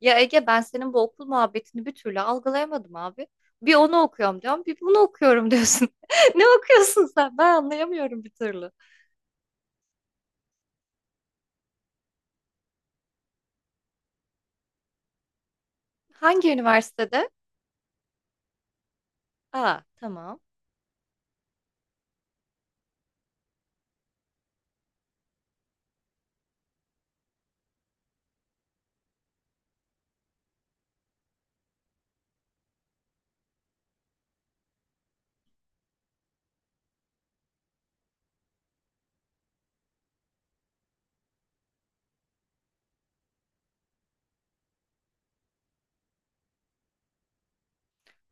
Ya Ege ben senin bu okul muhabbetini bir türlü algılayamadım abi. Bir onu okuyorum diyorum, bir bunu okuyorum diyorsun. Ne okuyorsun sen? Ben anlayamıyorum bir türlü. Hangi üniversitede? Aa, tamam.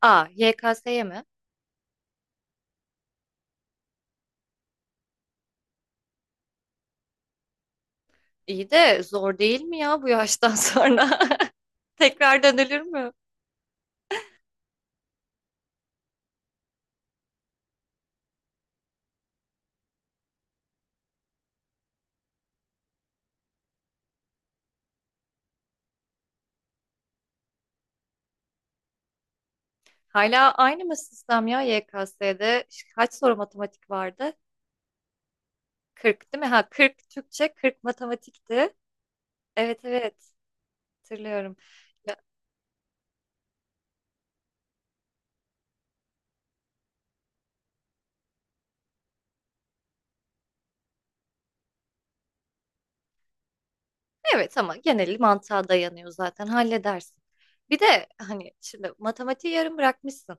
Aa, YKS'ye mi? İyi de zor değil mi ya bu yaştan sonra? Tekrar dönülür mü? Hala aynı mı sistem ya YKS'de? Kaç soru matematik vardı? 40 değil mi? Ha, 40 Türkçe, 40 matematikti. Evet, evet, hatırlıyorum. Evet, ama geneli mantığa dayanıyor zaten halledersin. Bir de hani şimdi matematiği yarım bırakmışsın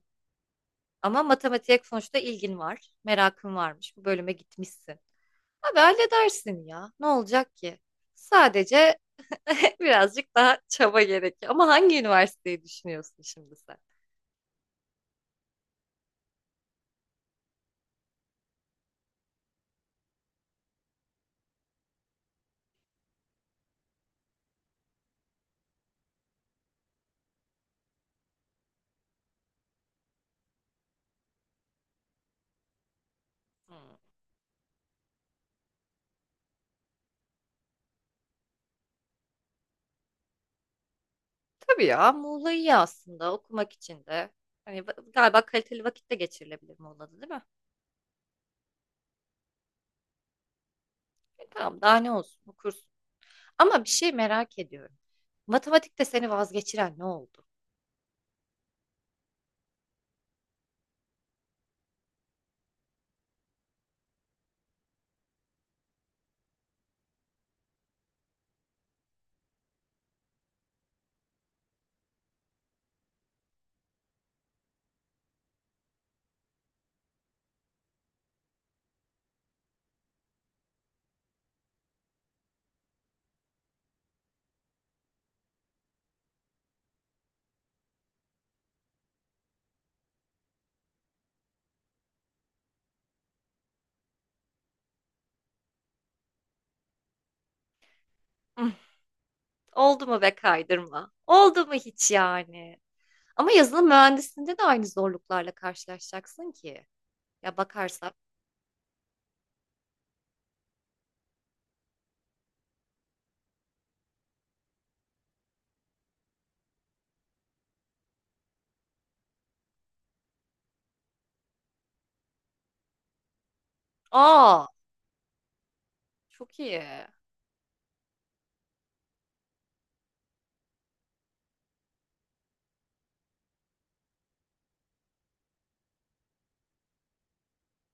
ama matematiğe sonuçta ilgin var, merakın varmış, bu bölüme gitmişsin. Abi halledersin ya, ne olacak ki? Sadece birazcık daha çaba gerekiyor, ama hangi üniversiteyi düşünüyorsun şimdi sen? Hmm. Tabii ya, Muğla iyi aslında okumak için de. Hani galiba kaliteli vakit de geçirilebilir Muğla'da değil mi? E, tamam, daha ne olsun, okursun. Ama bir şey merak ediyorum. Matematikte seni vazgeçiren ne oldu? Üf, oldu mu be kaydırma? Oldu mu hiç yani? Ama yazılım mühendisliğinde de aynı zorluklarla karşılaşacaksın ki. Ya bakarsak. Aa, çok iyi.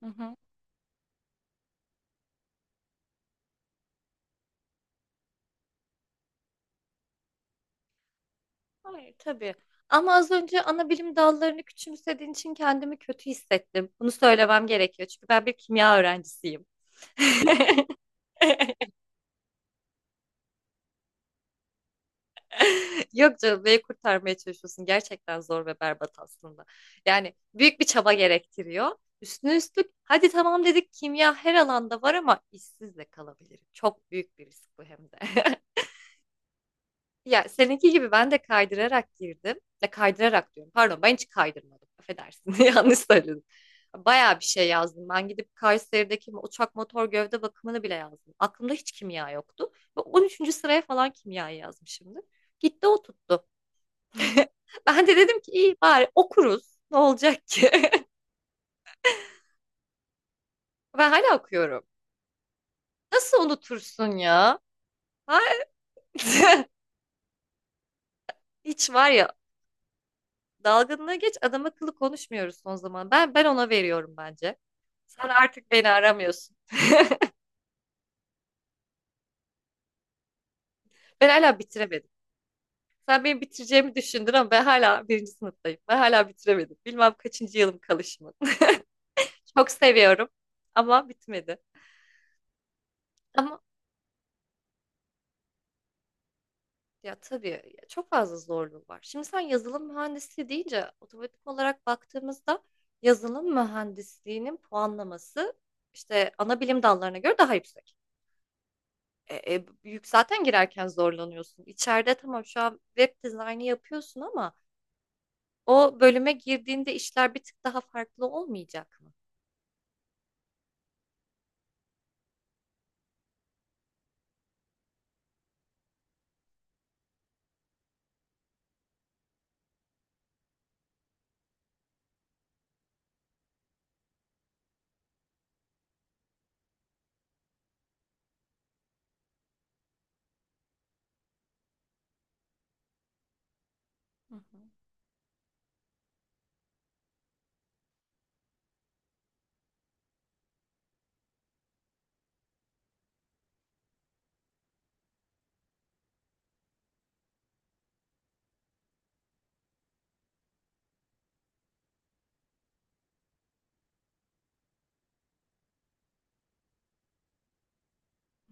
Hı hı. Hayır, tabii. Ama az önce ana bilim dallarını küçümsediğin için kendimi kötü hissettim. Bunu söylemem gerekiyor çünkü ben bir kimya öğrencisiyim. Yok canım, neyi kurtarmaya çalışıyorsun? Gerçekten zor ve berbat aslında. Yani büyük bir çaba gerektiriyor. Üstüne üstlük hadi tamam dedik kimya her alanda var ama işsiz de kalabilirim. Çok büyük bir risk bu hem de. Ya seninki gibi ben de kaydırarak girdim. Ya kaydırarak diyorum. Pardon, ben hiç kaydırmadım. Affedersin. Yanlış söyledim. Bayağı bir şey yazdım. Ben gidip Kayseri'deki uçak motor gövde bakımını bile yazdım. Aklımda hiç kimya yoktu. Ve 13. sıraya falan kimyayı yazmışımdır. Gitti o tuttu. Ben de dedim ki iyi bari okuruz. Ne olacak ki? Ben hala okuyorum. Nasıl unutursun ya? Ha? Hiç var ya, dalgınlığı geç, adam akıllı konuşmuyoruz son zaman. Ben ona veriyorum bence. Sen artık beni aramıyorsun. Ben hala bitiremedim. Sen benim bitireceğimi düşündün ama ben hala birinci sınıftayım. Ben hala bitiremedim. Bilmem kaçıncı yılım kalışımın. Çok seviyorum ama bitmedi. Ama Ya tabii ya, çok fazla zorluğu var. Şimdi sen yazılım mühendisliği deyince otomatik olarak baktığımızda yazılım mühendisliğinin puanlaması işte ana bilim dallarına göre daha yüksek. Büyük zaten girerken zorlanıyorsun. İçeride tamam şu an web dizaynı yapıyorsun ama o bölüme girdiğinde işler bir tık daha farklı olmayacak mı? Hı hı.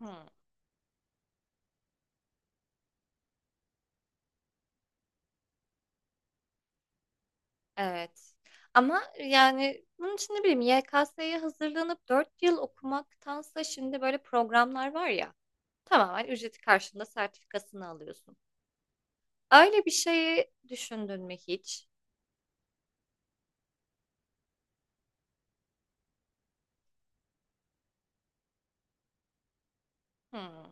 Hmm, evet. Ama yani bunun için ne bileyim YKS'ye hazırlanıp 4 yıl okumaktansa şimdi böyle programlar var ya, tamamen ücreti karşılığında sertifikasını alıyorsun. Öyle bir şeyi düşündün mü hiç? Hmm,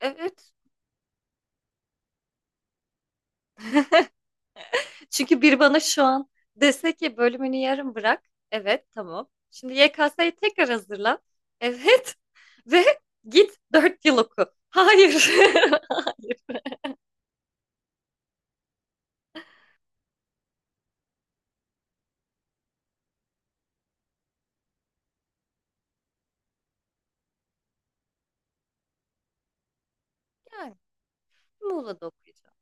evet. Çünkü bir bana şu an dese ki bölümünü yarım bırak. Evet, tamam. Şimdi YKS'ye tekrar hazırlan. Evet. Ve git 4 yıl oku. Hayır. Hayır. Yani Muğla'da okuyacağım.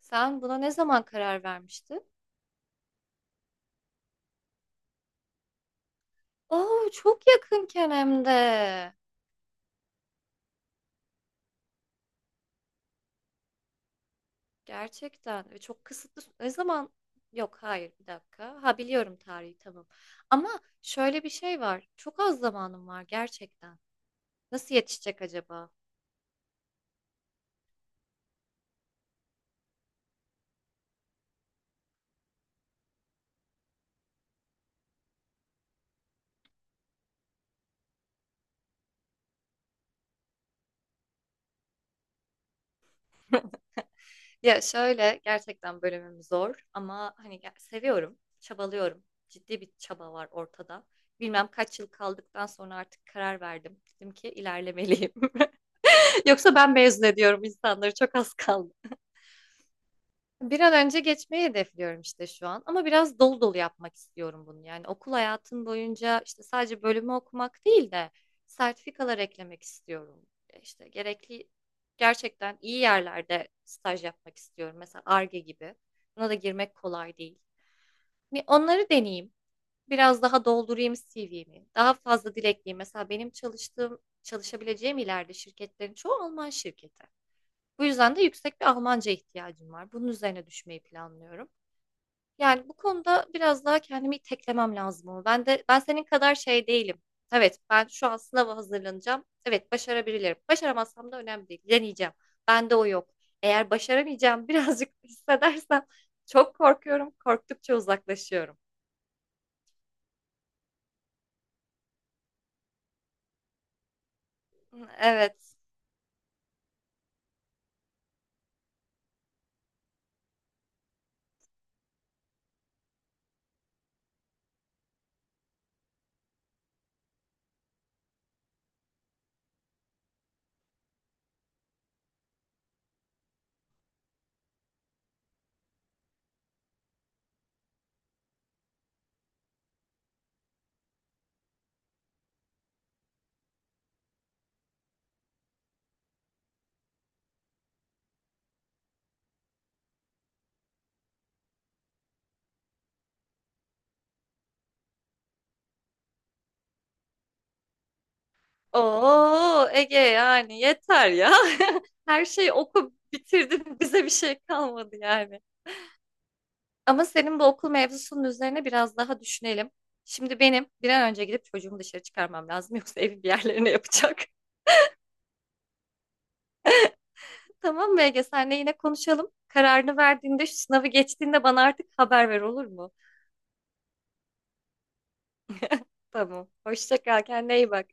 Sen buna ne zaman karar vermiştin? Oo, çok yakınken hem de. Gerçekten ve çok kısıtlı. Ne zaman? Yok, hayır, bir dakika. Ha biliyorum tarihi, tamam. Ama şöyle bir şey var. Çok az zamanım var gerçekten. Nasıl yetişecek acaba? Ya şöyle gerçekten bölümüm zor ama hani seviyorum, çabalıyorum. Ciddi bir çaba var ortada. Bilmem kaç yıl kaldıktan sonra artık karar verdim. Dedim ki ilerlemeliyim. Yoksa ben mezun ediyorum, insanları çok az kaldı. Bir an önce geçmeyi hedefliyorum işte şu an. Ama biraz dolu dolu yapmak istiyorum bunu. Yani okul hayatım boyunca işte sadece bölümü okumak değil de sertifikalar eklemek istiyorum. İşte gerekli, gerçekten iyi yerlerde staj yapmak istiyorum. Mesela Ar-Ge gibi. Buna da girmek kolay değil. Bir onları deneyeyim. Biraz daha doldurayım CV'mi. Daha fazla dilekliyim. Mesela benim çalıştığım, çalışabileceğim ileride şirketlerin çoğu Alman şirketi. Bu yüzden de yüksek bir Almanca ihtiyacım var. Bunun üzerine düşmeyi planlıyorum. Yani bu konuda biraz daha kendimi iteklemem lazım ama ben senin kadar şey değilim. Evet, ben şu an sınava hazırlanacağım. Evet, başarabilirim. Başaramazsam da önemli değil. Deneyeceğim. Bende o yok. Eğer başaramayacağım birazcık hissedersem çok korkuyorum. Korktukça uzaklaşıyorum. Evet. Oo Ege, yani yeter ya. Her şeyi oku bitirdin. Bize bir şey kalmadı yani. Ama senin bu okul mevzusunun üzerine biraz daha düşünelim. Şimdi benim bir an önce gidip çocuğumu dışarı çıkarmam lazım. Yoksa evi bir yerlerine yapacak. Tamam mı Ege? Senle yine konuşalım. Kararını verdiğinde, şu sınavı geçtiğinde bana artık haber ver, olur mu? Tamam. Hoşça kal. Kendine iyi bak.